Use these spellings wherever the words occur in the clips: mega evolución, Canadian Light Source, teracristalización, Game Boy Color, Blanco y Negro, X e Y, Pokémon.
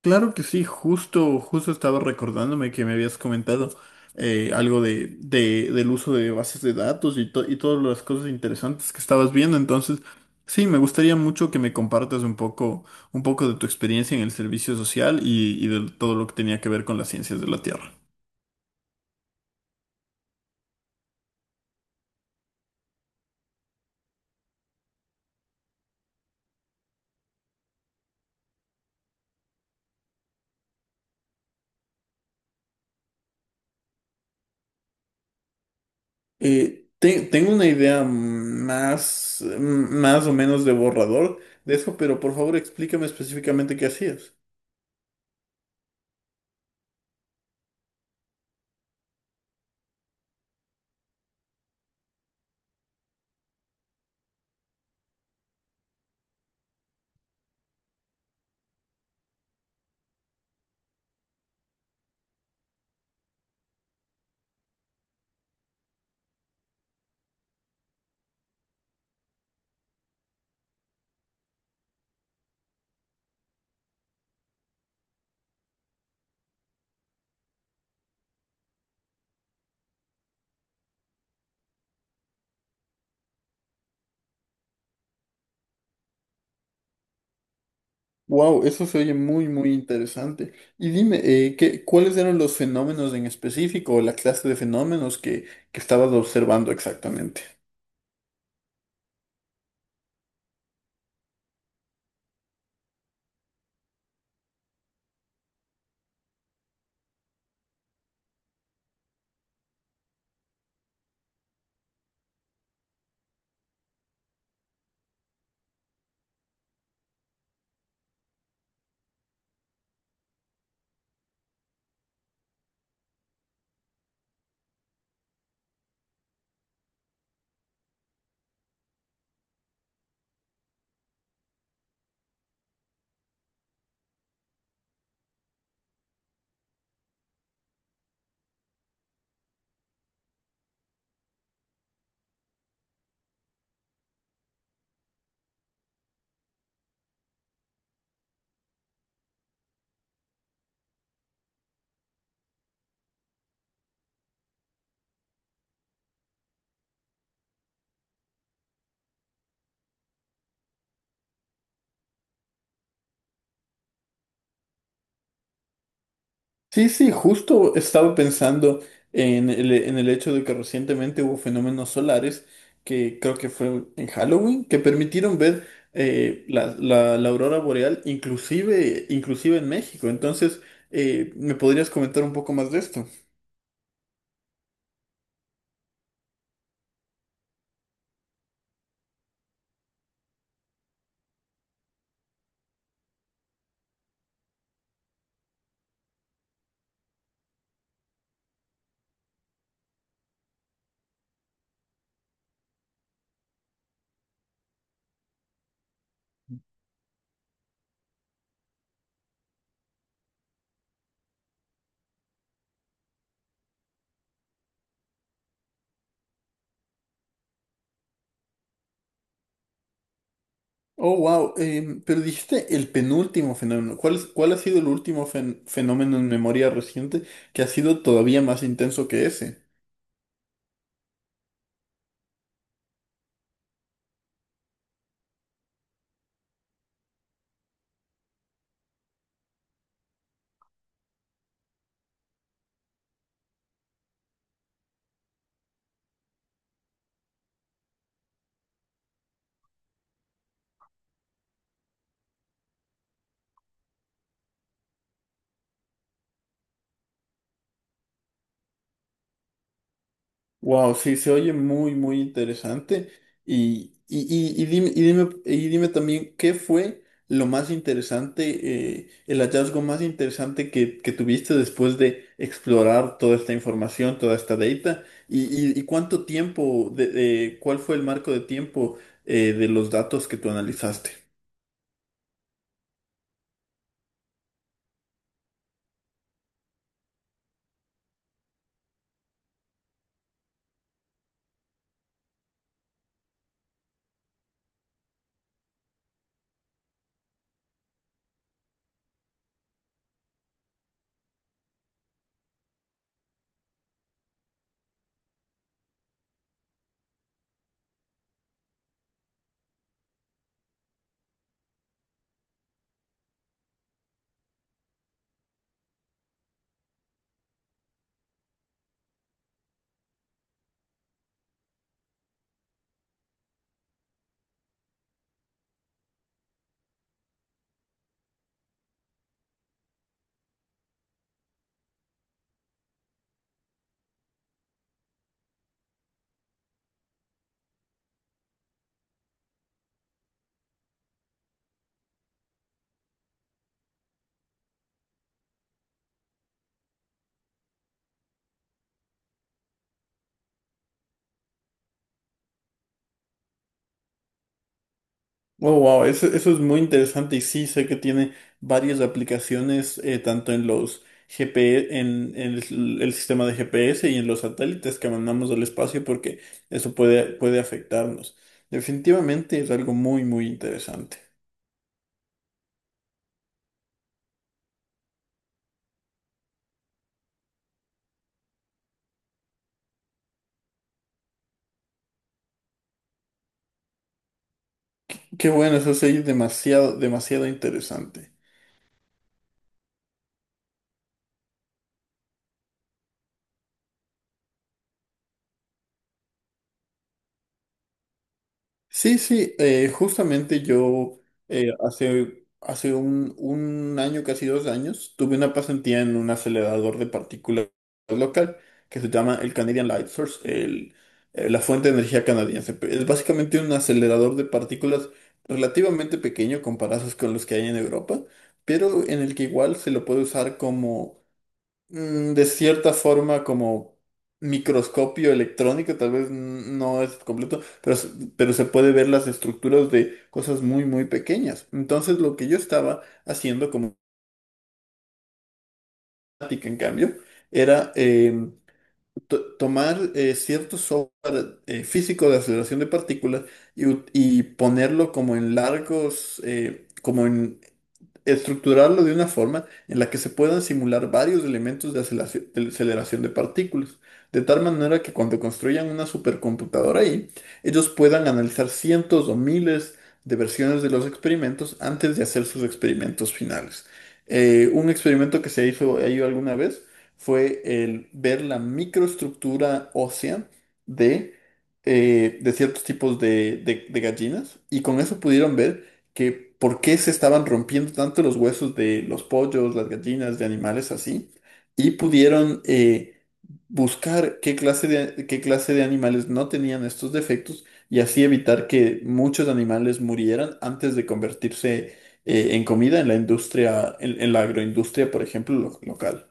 Claro que sí, justo estaba recordándome que me habías comentado algo del uso de bases de datos y, y todas las cosas interesantes que estabas viendo. Entonces, sí, me gustaría mucho que me compartas un poco de tu experiencia en el servicio social y de todo lo que tenía que ver con las ciencias de la Tierra. Tengo una idea más o menos de borrador de eso, pero por favor explícame específicamente qué hacías. Wow, eso se oye muy interesante. Y dime, ¿qué, cuáles eran los fenómenos en específico o la clase de fenómenos que estabas observando exactamente? Sí, sí, justo estaba pensando en en el hecho de que recientemente hubo fenómenos solares que creo que fue en Halloween, que permitieron ver la aurora boreal inclusive, inclusive en México. Entonces, ¿me podrías comentar un poco más de esto? Oh, wow. Pero dijiste el penúltimo fenómeno. Cuál ha sido el último fenómeno en memoria reciente que ha sido todavía más intenso que ese? Wow, sí, se oye muy interesante. Y, y, y dime, y dime, y dime también, ¿qué fue lo más interesante, el hallazgo más interesante que tuviste después de explorar toda esta información, toda esta data? ¿Y, y cuánto tiempo, cuál fue el marco de tiempo, de los datos que tú analizaste? Oh, wow, eso es muy interesante y sí, sé que tiene varias aplicaciones, tanto en los GP en el sistema de GPS y en los satélites que mandamos al espacio, porque puede afectarnos. Definitivamente es algo muy interesante. Qué bueno, eso sí, demasiado interesante. Sí, sí, justamente yo hace un año, casi dos años, tuve una pasantía en un acelerador de partículas local que se llama el Canadian Light Source, la fuente de energía canadiense. Es básicamente un acelerador de partículas relativamente pequeño comparados con los que hay en Europa, pero en el que igual se lo puede usar como de cierta forma, como microscopio electrónico, tal vez no es completo, pero, pero se puede ver las estructuras de cosas muy pequeñas. Entonces, lo que yo estaba haciendo como práctica, en cambio, era tomar cierto software físico de aceleración de partículas y, y ponerlo como en largos, como en estructurarlo de una forma en la que se puedan simular varios elementos de de aceleración de partículas, de tal manera que cuando construyan una supercomputadora ahí, ellos puedan analizar cientos o miles de versiones de los experimentos antes de hacer sus experimentos finales. Un experimento que se hizo ahí alguna vez fue el ver la microestructura ósea de, de ciertos tipos de gallinas y con eso pudieron ver que por qué se estaban rompiendo tanto los huesos de los pollos, las gallinas, de animales así y pudieron buscar qué clase qué clase de animales no tenían estos defectos y así evitar que muchos animales murieran antes de convertirse en comida en la industria, en la agroindustria, por ejemplo, local.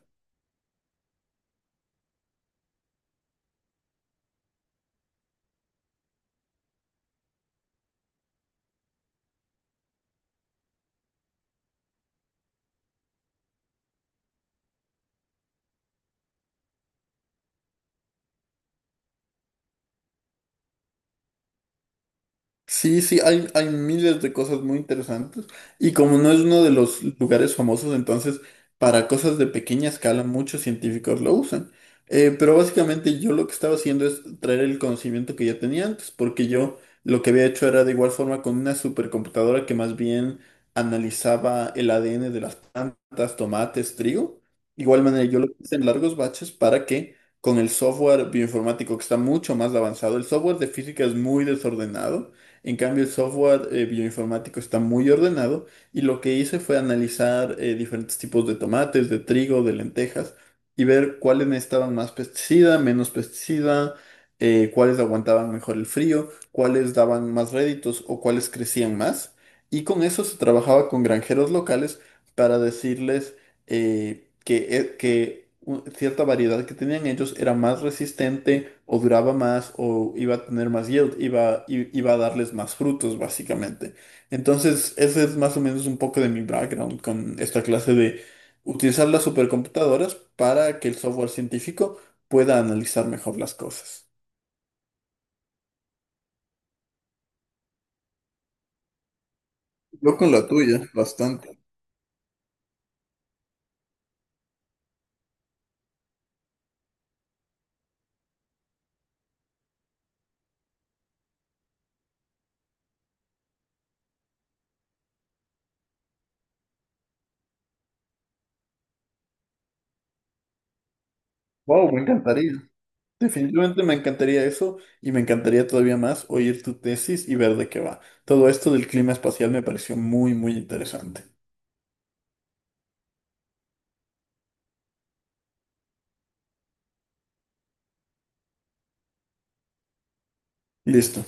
Sí, sí, hay miles de cosas muy interesantes y como no es uno de los lugares famosos, entonces para cosas de pequeña escala muchos científicos lo usan. Pero básicamente yo lo que estaba haciendo es traer el conocimiento que ya tenía antes, porque yo lo que había hecho era de igual forma con una supercomputadora que más bien analizaba el ADN de las plantas, tomates, trigo. Igual manera yo lo hice en largos baches para que con el software bioinformático que está mucho más avanzado, el software de física es muy desordenado. En cambio, el software bioinformático está muy ordenado y lo que hice fue analizar diferentes tipos de tomates, de trigo, de lentejas y ver cuáles necesitaban más pesticida, menos pesticida, cuáles aguantaban mejor el frío, cuáles daban más réditos o cuáles crecían más. Y con eso se trabajaba con granjeros locales para decirles cierta variedad que tenían ellos era más resistente o duraba más o iba a tener más yield, iba a darles más frutos básicamente. Entonces, ese es más o menos un poco de mi background con esta clase de utilizar las supercomputadoras para que el software científico pueda analizar mejor las cosas. Yo con la tuya, bastante. Wow, me encantaría. Definitivamente me encantaría eso y me encantaría todavía más oír tu tesis y ver de qué va. Todo esto del clima espacial me pareció muy interesante. Listo.